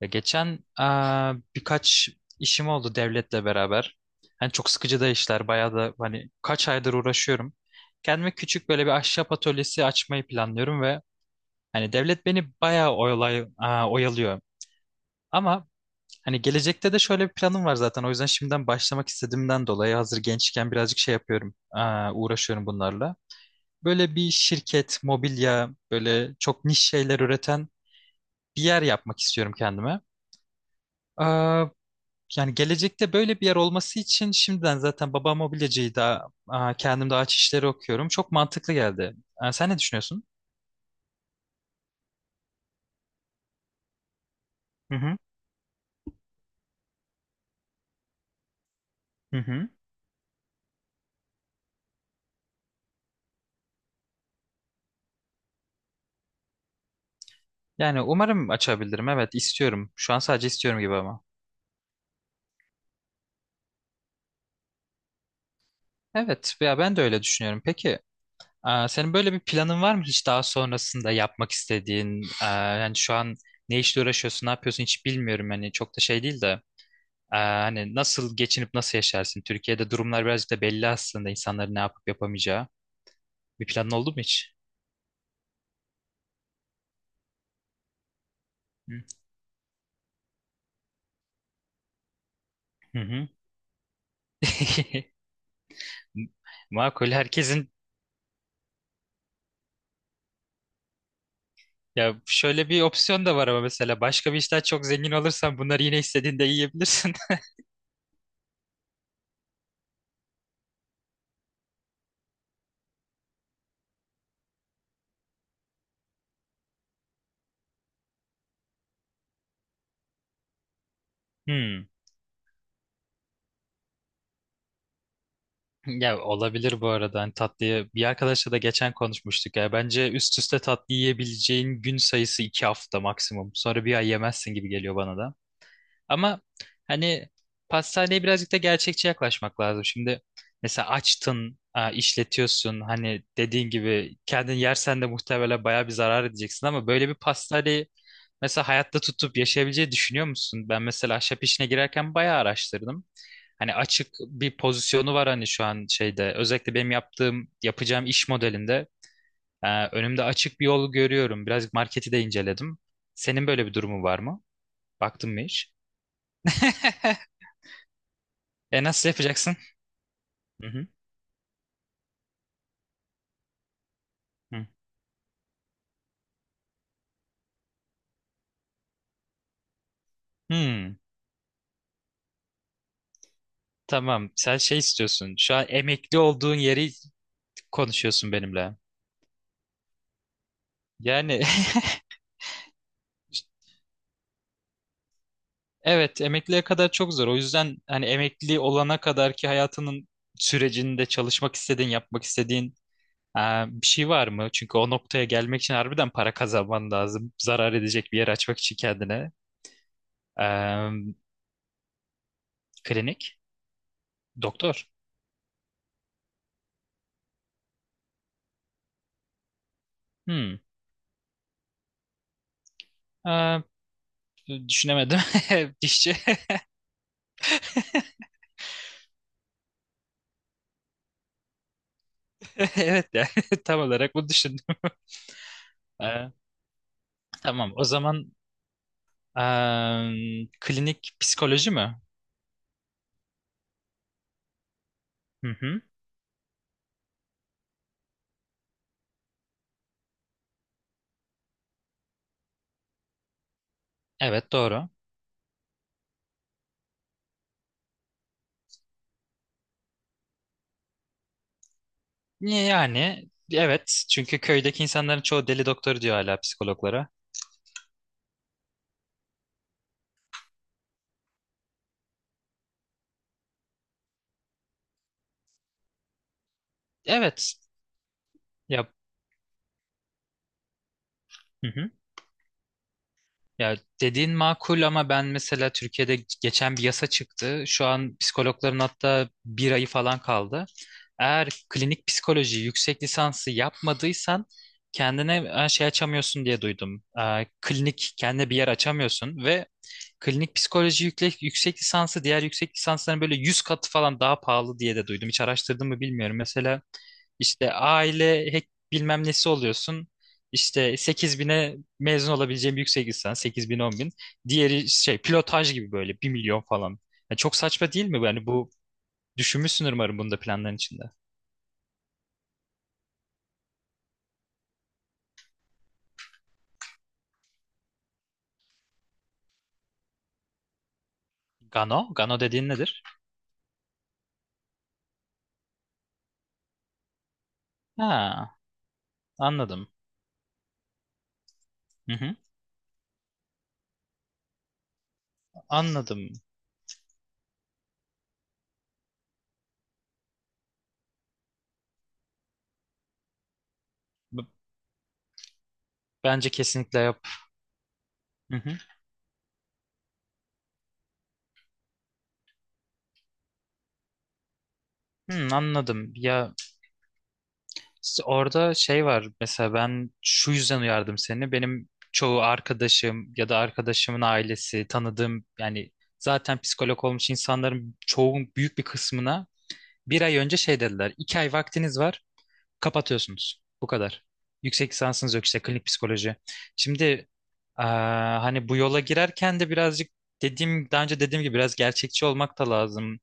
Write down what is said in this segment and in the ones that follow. Ya geçen birkaç işim oldu devletle beraber. Hani çok sıkıcı da işler, bayağı da hani kaç aydır uğraşıyorum. Kendime küçük böyle bir ahşap atölyesi açmayı planlıyorum ve hani devlet beni bayağı oyalıyor. Ama hani gelecekte de şöyle bir planım var zaten. O yüzden şimdiden başlamak istediğimden dolayı hazır gençken birazcık şey yapıyorum, uğraşıyorum bunlarla. Böyle bir şirket, mobilya, böyle çok niş şeyler üreten bir yer yapmak istiyorum kendime. Ee, Yani gelecekte böyle bir yer olması için şimdiden zaten baba mobilyacıyı da kendim de ağaç işleri okuyorum. Çok mantıklı geldi. Sen ne düşünüyorsun? Hı hı. Hı hı. Yani umarım açabilirim. Evet, istiyorum. Şu an sadece istiyorum gibi ama. Evet ya, ben de öyle düşünüyorum. Peki senin böyle bir planın var mı hiç daha sonrasında yapmak istediğin? Yani şu an ne işle uğraşıyorsun, ne yapıyorsun hiç bilmiyorum. Hani çok da şey değil de. Hani nasıl geçinip nasıl yaşarsın? Türkiye'de durumlar birazcık da belli aslında, insanların ne yapıp yapamayacağı. Bir planın oldu mu hiç? Hı hı. Hı. Makul, herkesin. Ya şöyle bir opsiyon da var ama, mesela başka bir işten çok zengin olursan bunları yine istediğinde yiyebilirsin. Hmm. Ya olabilir, bu arada hani tatlıyı bir arkadaşla da geçen konuşmuştuk ya, bence üst üste tatlı yiyebileceğin gün sayısı 2 hafta maksimum, sonra bir ay yemezsin gibi geliyor bana da. Ama hani pastaneye birazcık da gerçekçi yaklaşmak lazım. Şimdi mesela açtın, işletiyorsun. Hani dediğin gibi kendin yersen de muhtemelen bayağı bir zarar edeceksin, ama böyle bir pastaneyi mesela hayatta tutup yaşayabileceği düşünüyor musun? Ben mesela ahşap işine girerken bayağı araştırdım. Hani açık bir pozisyonu var hani, şu an şeyde özellikle benim yaptığım yapacağım iş modelinde önümde açık bir yol görüyorum. Birazcık marketi de inceledim. Senin böyle bir durumu var mı? Baktın mı hiç? E, nasıl yapacaksın? Hı hı. Hı. Hmm, tamam. Sen şey istiyorsun. Şu an emekli olduğun yeri konuşuyorsun benimle. Yani evet, emekliye kadar çok zor. O yüzden hani emekli olana kadar ki hayatının sürecinde çalışmak istediğin, yapmak istediğin e, bir şey var mı? Çünkü o noktaya gelmek için harbiden para kazanman lazım. Zarar edecek bir yer açmak için kendine. E, klinik, doktor. Hmm. E, düşünemedim. Dişçi. Evet yani tam olarak bunu düşün. Ee, tamam. O zaman klinik psikoloji mi? Hı hı. Evet, doğru. Yani evet, çünkü köydeki insanların çoğu deli doktor diyor hala psikologlara. Evet. Ya, hı hı. Ya, dediğin makul ama ben mesela Türkiye'de geçen bir yasa çıktı. Şu an psikologların hatta bir ayı falan kaldı. Eğer klinik psikoloji yüksek lisansı yapmadıysan kendine şey açamıyorsun diye duydum. Klinik kendine bir yer açamıyorsun ve klinik psikoloji yüksek lisansı diğer yüksek lisansların böyle 100 katı falan daha pahalı diye de duydum. Hiç araştırdım mı bilmiyorum. Mesela işte aile bilmem nesi oluyorsun. İşte 8 bine mezun olabileceğim yüksek lisans 8 bin 10 bin. Diğeri şey, pilotaj gibi, böyle 1 milyon falan. Ya çok saçma değil mi? Yani bu, düşünmüşsün umarım bunu da planların içinde. Gano? Gano dediğin nedir? Ha, anladım. Hı hı, anladım. B- Bence kesinlikle yap. Hı hı. Hı, anladım. Ya, İşte orada şey var mesela, ben şu yüzden uyardım seni. Benim çoğu arkadaşım ya da arkadaşımın ailesi, tanıdığım yani zaten psikolog olmuş insanların çoğun büyük bir kısmına bir ay önce şey dediler. 2 ay vaktiniz var, kapatıyorsunuz. Bu kadar. Yüksek lisansınız yok işte, klinik psikoloji. Şimdi hani bu yola girerken de birazcık dediğim, daha önce dediğim gibi biraz gerçekçi olmak da lazım.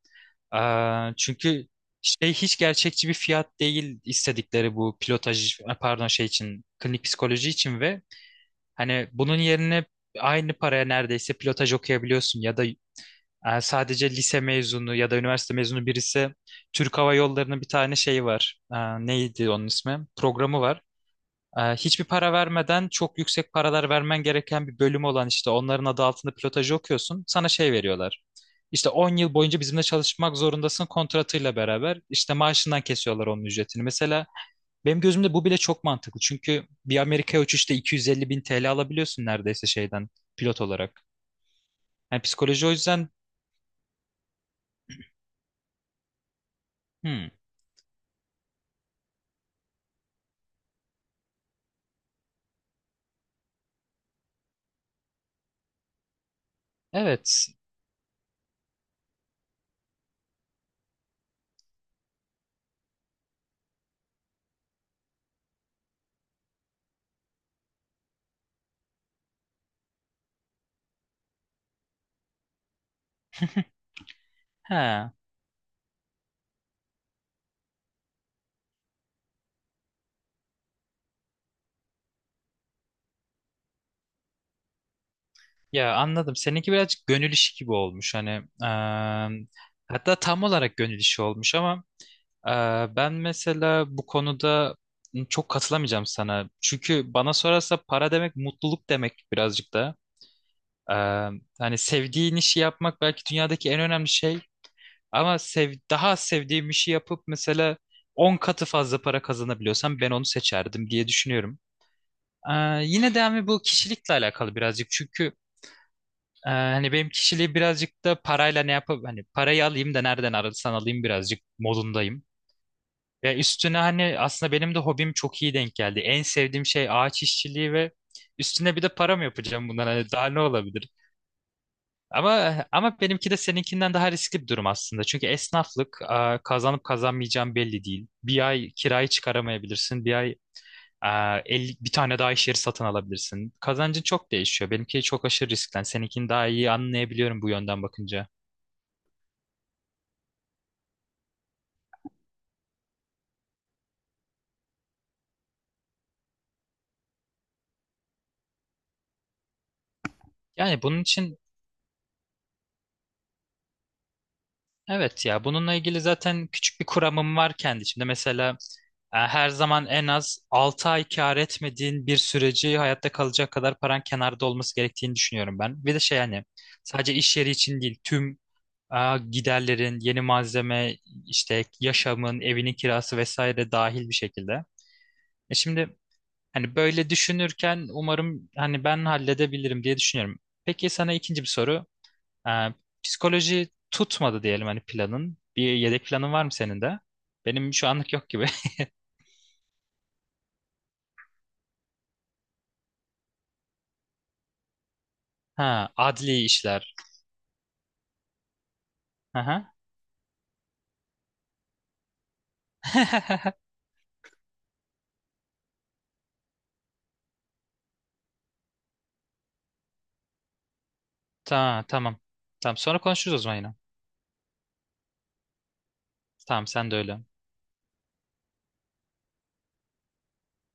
Çünkü şey hiç gerçekçi bir fiyat değil istedikleri bu pilotaj, pardon şey için, klinik psikoloji için, ve hani bunun yerine aynı paraya neredeyse pilotaj okuyabiliyorsun ya da sadece lise mezunu ya da üniversite mezunu birisi Türk Hava Yolları'nın bir tane şeyi var. Neydi onun ismi? Programı var. Hiçbir para vermeden, çok yüksek paralar vermen gereken bir bölüm olan işte onların adı altında pilotajı okuyorsun. Sana şey veriyorlar. İşte 10 yıl boyunca bizimle çalışmak zorundasın kontratıyla beraber. İşte maaşından kesiyorlar onun ücretini. Mesela benim gözümde bu bile çok mantıklı. Çünkü bir Amerika'ya uçuşta 250 bin TL alabiliyorsun neredeyse, şeyden pilot olarak. Yani psikoloji o yüzden hmm, evet, ha ya, anladım. Seninki birazcık gönül işi gibi olmuş. Hani eee, hatta tam olarak gönül işi olmuş, ama Ee, Ben mesela bu konuda çok katılamayacağım sana. Çünkü bana sorarsa para demek mutluluk demek birazcık da. Ee, Hani sevdiğin işi yapmak belki dünyadaki en önemli şey. Ama sev, daha az sevdiğim işi yapıp mesela 10 katı fazla para kazanabiliyorsam ben onu seçerdim diye düşünüyorum. Yine de ama bu kişilikle alakalı birazcık. Çünkü hani benim kişiliği birazcık da parayla, ne yapıp hani parayı alayım da nereden alırsan alayım, birazcık modundayım. Ya üstüne hani aslında benim de hobim çok iyi denk geldi. En sevdiğim şey ağaç işçiliği, ve üstüne bir de para mı yapacağım bundan, hani daha ne olabilir? Ama benimki de seninkinden daha riskli bir durum aslında. Çünkü esnaflık kazanıp kazanmayacağın belli değil. Bir ay kirayı çıkaramayabilirsin. Bir ay e, 50 bir tane daha iş yeri satın alabilirsin. Kazancın çok değişiyor. Benimki çok aşırı riskten. Seninkini daha iyi anlayabiliyorum bu yönden bakınca. Yani bunun için. Evet ya, bununla ilgili zaten küçük bir kuramım var kendi içimde. Mesela her zaman en az 6 ay kâr etmediğin bir süreci hayatta kalacak kadar paran kenarda olması gerektiğini düşünüyorum ben. Bir de şey hani, sadece iş yeri için değil tüm e, giderlerin, yeni malzeme, işte yaşamın, evinin kirası vesaire dahil bir şekilde. Şimdi hani böyle düşünürken umarım hani ben halledebilirim diye düşünüyorum. Peki sana ikinci bir soru. Ee, psikoloji tutmadı diyelim hani, planın. Bir yedek planın var mı senin de? Benim şu anlık yok gibi. Ha, adli işler. Aha. Tamam, tamam. Tamam, sonra konuşuruz o zaman yine. Tamam, sen de öyle.